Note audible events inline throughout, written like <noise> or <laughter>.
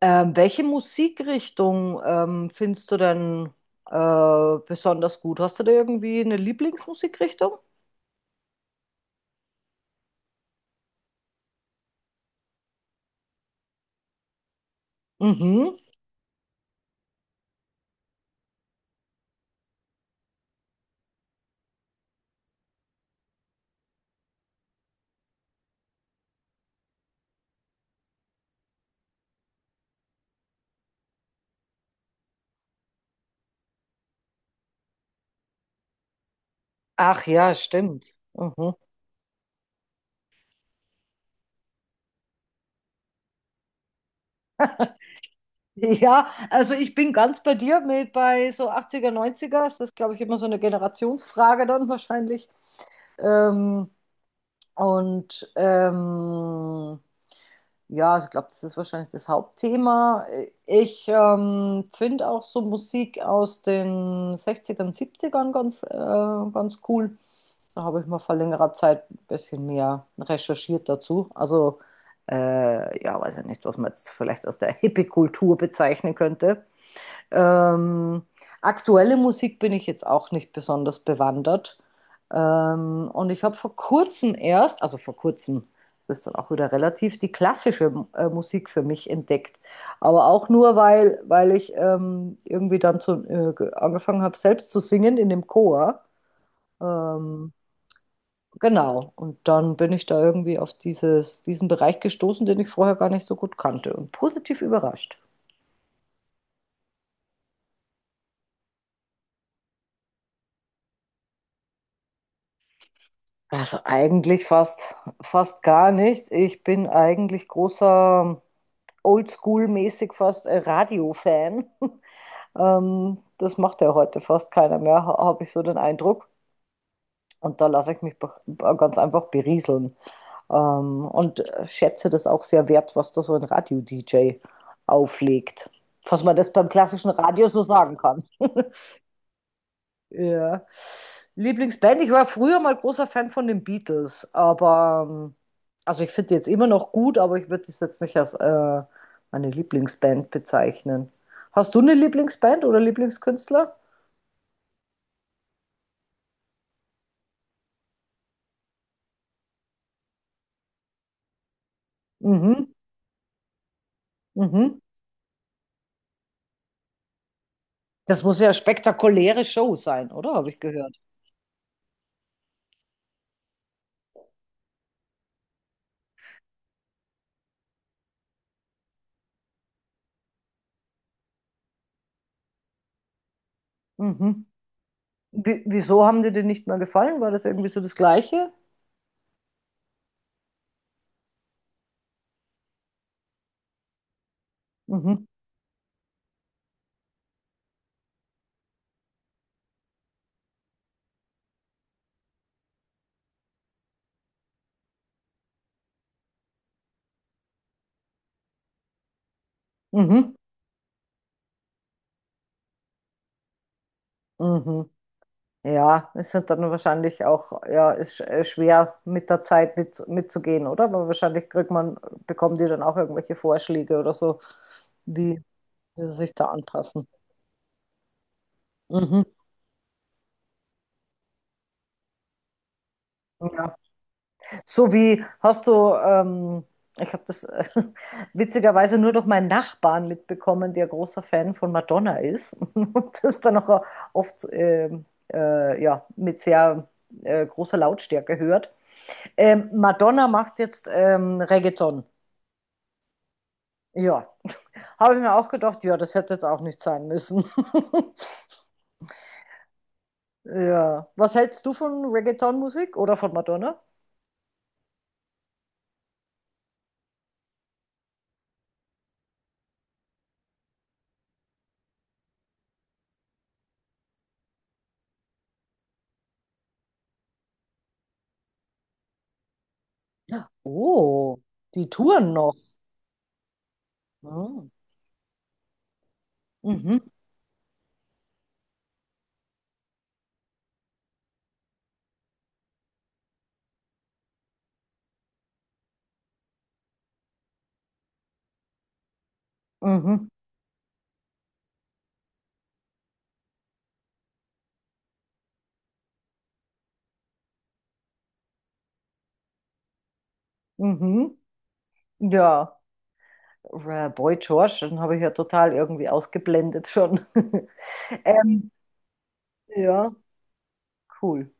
Welche Musikrichtung findest du denn besonders gut? Hast du da irgendwie eine Lieblingsmusikrichtung? Mhm. Ach ja, stimmt. Mhm. <laughs> Ja, also ich bin ganz bei dir mit bei so achtziger, neunziger. Das ist, glaube ich, immer so eine Generationsfrage dann wahrscheinlich. Ähm, und ähm, Ja, also ich glaube, das ist wahrscheinlich das Hauptthema. Ich finde auch so Musik aus den 60ern, 70 ganz, ganz cool. Da habe ich mal vor längerer Zeit ein bisschen mehr recherchiert dazu. Also, ja, weiß ja nicht, was man jetzt vielleicht aus der Hippie-Kultur bezeichnen könnte. Ähm, Aktuelle Musik bin ich jetzt auch nicht besonders bewandert. Und ich habe vor kurzem erst, also vor kurzem, das ist dann auch wieder relativ, die klassische Musik für mich entdeckt. Aber auch nur, weil ich irgendwie dann zu, angefangen habe, selbst zu singen in dem Chor. Ähm, genau. Und dann bin ich da irgendwie auf diesen Bereich gestoßen, den ich vorher gar nicht so gut kannte und positiv überrascht. Also eigentlich fast gar nicht. Ich bin eigentlich großer Oldschool-mäßig fast Radio-Fan. <laughs> Das macht ja heute fast keiner mehr, habe ich so den Eindruck. Und da lasse ich mich ganz einfach berieseln. Schätze das auch sehr wert, was da so ein Radio-DJ auflegt. Was man das beim klassischen Radio so sagen kann. Ja. Lieblingsband, ich war früher mal großer Fan von den Beatles, aber also ich finde die jetzt immer noch gut, aber ich würde das jetzt nicht als meine Lieblingsband bezeichnen. Hast du eine Lieblingsband oder Lieblingskünstler? Mhm, mhm. Das muss ja eine spektakuläre Show sein, oder? Habe ich gehört. Mhm. Wie, wieso haben dir die nicht mehr gefallen? War das irgendwie so das Gleiche? Mhm, mhm, mhm. Ja, es sind dann wahrscheinlich auch, ja, ist schwer mit der Zeit mitzugehen, oder? Weil wahrscheinlich kriegt man, bekommen die dann auch irgendwelche Vorschläge oder so, wie, wie sie sich da anpassen. Mhm. Ja. So wie hast du, ich habe das <laughs> witzigerweise nur durch meinen Nachbarn mitbekommen, der großer Fan von Madonna ist <laughs> und das dann auch oft ja, mit sehr großer Lautstärke hört. Madonna macht jetzt Reggaeton. Ja, habe ich mir auch gedacht, ja, das hätte jetzt auch nicht sein müssen. <laughs> Ja. Was hältst du von Reggaeton-Musik oder von Madonna? Oh, die touren noch. Hm. Mhm, mhm, mhm. Ja, Boy George, den habe ich ja total irgendwie ausgeblendet schon. <laughs> Ähm, ja, cool.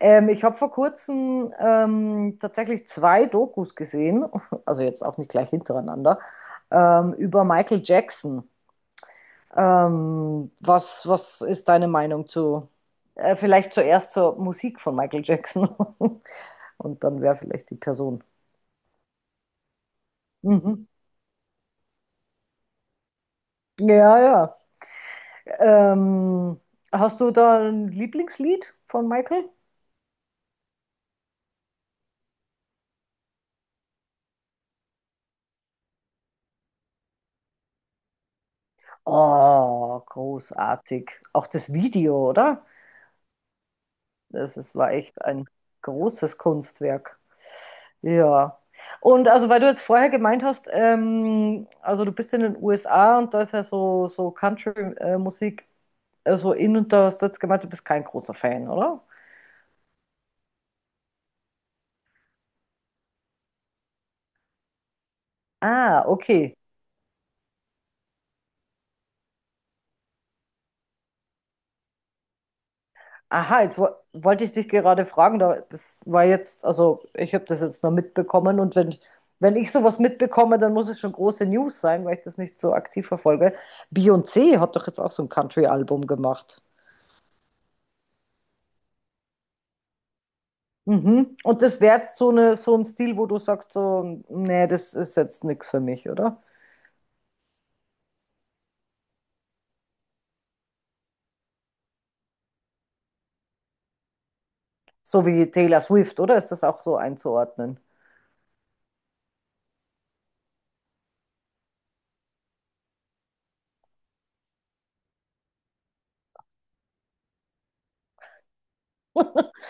Ich habe vor kurzem tatsächlich zwei Dokus gesehen, <laughs> also jetzt auch nicht gleich hintereinander, über Michael Jackson. Was ist deine Meinung zu, vielleicht zuerst zur Musik von Michael Jackson <laughs> und dann wäre vielleicht die Person. Mhm. Ja, ja. Ähm, Hast du da ein Lieblingslied von Michael? Oh, großartig. Auch das Video, oder? Das war echt ein großes Kunstwerk. Ja. Und also, weil du jetzt vorher gemeint hast, also du bist in den USA und da ist ja so Country-Musik. Also in und da hast du jetzt gemeint, du bist kein großer Fan, oder? Ah, okay. Aha, jetzt wo wollte ich dich gerade fragen, da, das war jetzt, also ich habe das jetzt nur mitbekommen wenn ich sowas mitbekomme, dann muss es schon große News sein, weil ich das nicht so aktiv verfolge. Beyoncé hat doch jetzt auch so ein Country-Album gemacht. Mhm. Und das wäre jetzt so, so ein Stil, wo du sagst, so, nee, das ist jetzt nichts für mich, oder? So wie Taylor Swift, oder? Ist das auch so einzuordnen? <laughs>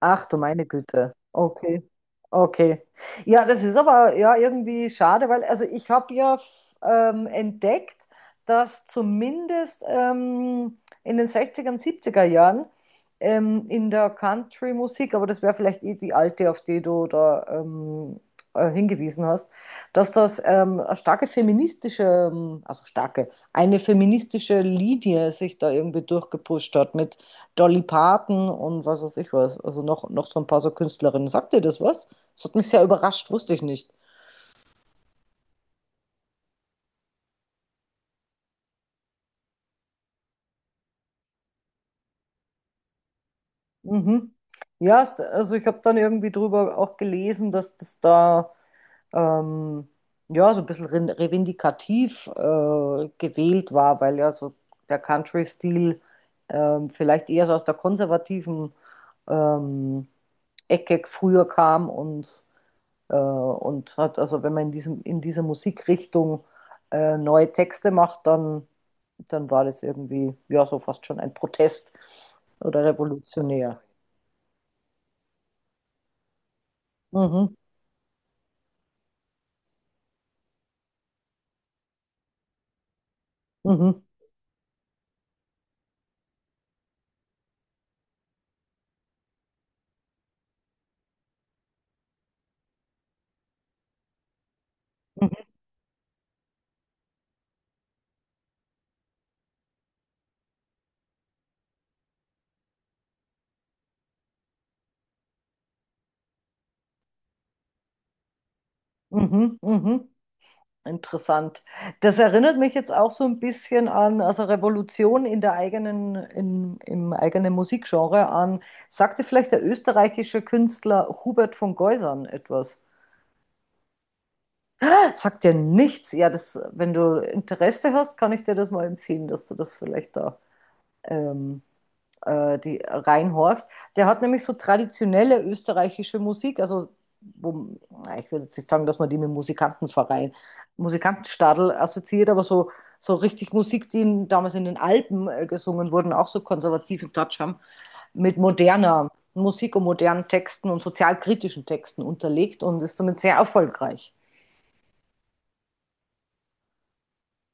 Ach du meine Güte. Okay. Okay. Ja, das ist aber ja irgendwie schade, weil also ich habe ja entdeckt, dass zumindest in den sechziger er 70 Jahren in der Country-Musik, aber das wäre vielleicht eh die alte, auf die du da hingewiesen hast, dass das eine starke feministische, eine feministische Linie sich da irgendwie durchgepusht hat mit Dolly Parton und was weiß ich was, also noch so ein paar so Künstlerinnen. Sagt dir das was? Das hat mich sehr überrascht, wusste ich nicht. Mhm. Ja, also ich habe dann irgendwie drüber auch gelesen, dass das da ähm, ja so ein bisschen revindikativ gewählt war, weil ja so der Country-Stil vielleicht eher so aus der konservativen ähm, Ecke früher kam und hat, also wenn man in diesem, in dieser Musikrichtung neue Texte macht, dann war das irgendwie, ja, so fast schon ein Protest oder revolutionär. Mhm. Mhm. Mhm. Mhm. Mhm. Interessant. Das erinnert mich jetzt auch so ein bisschen an, also Revolution in der eigenen, im eigenen Musikgenre an. Sagt dir vielleicht der österreichische Künstler Hubert von Geusern etwas? Sagt dir nichts? Ja, das, wenn du Interesse hast, kann ich dir das mal empfehlen, dass du das vielleicht da ähm, die reinhorchst. Der hat nämlich so traditionelle österreichische Musik, also wo, na, ich würde jetzt nicht sagen, dass man die mit Musikantenverein, Musikantenstadl assoziiert, aber so, so richtig Musik, die in, damals in den Alpen gesungen wurden, auch so konservativen Touch haben, mit moderner Musik und modernen Texten und sozialkritischen Texten unterlegt und ist damit sehr erfolgreich.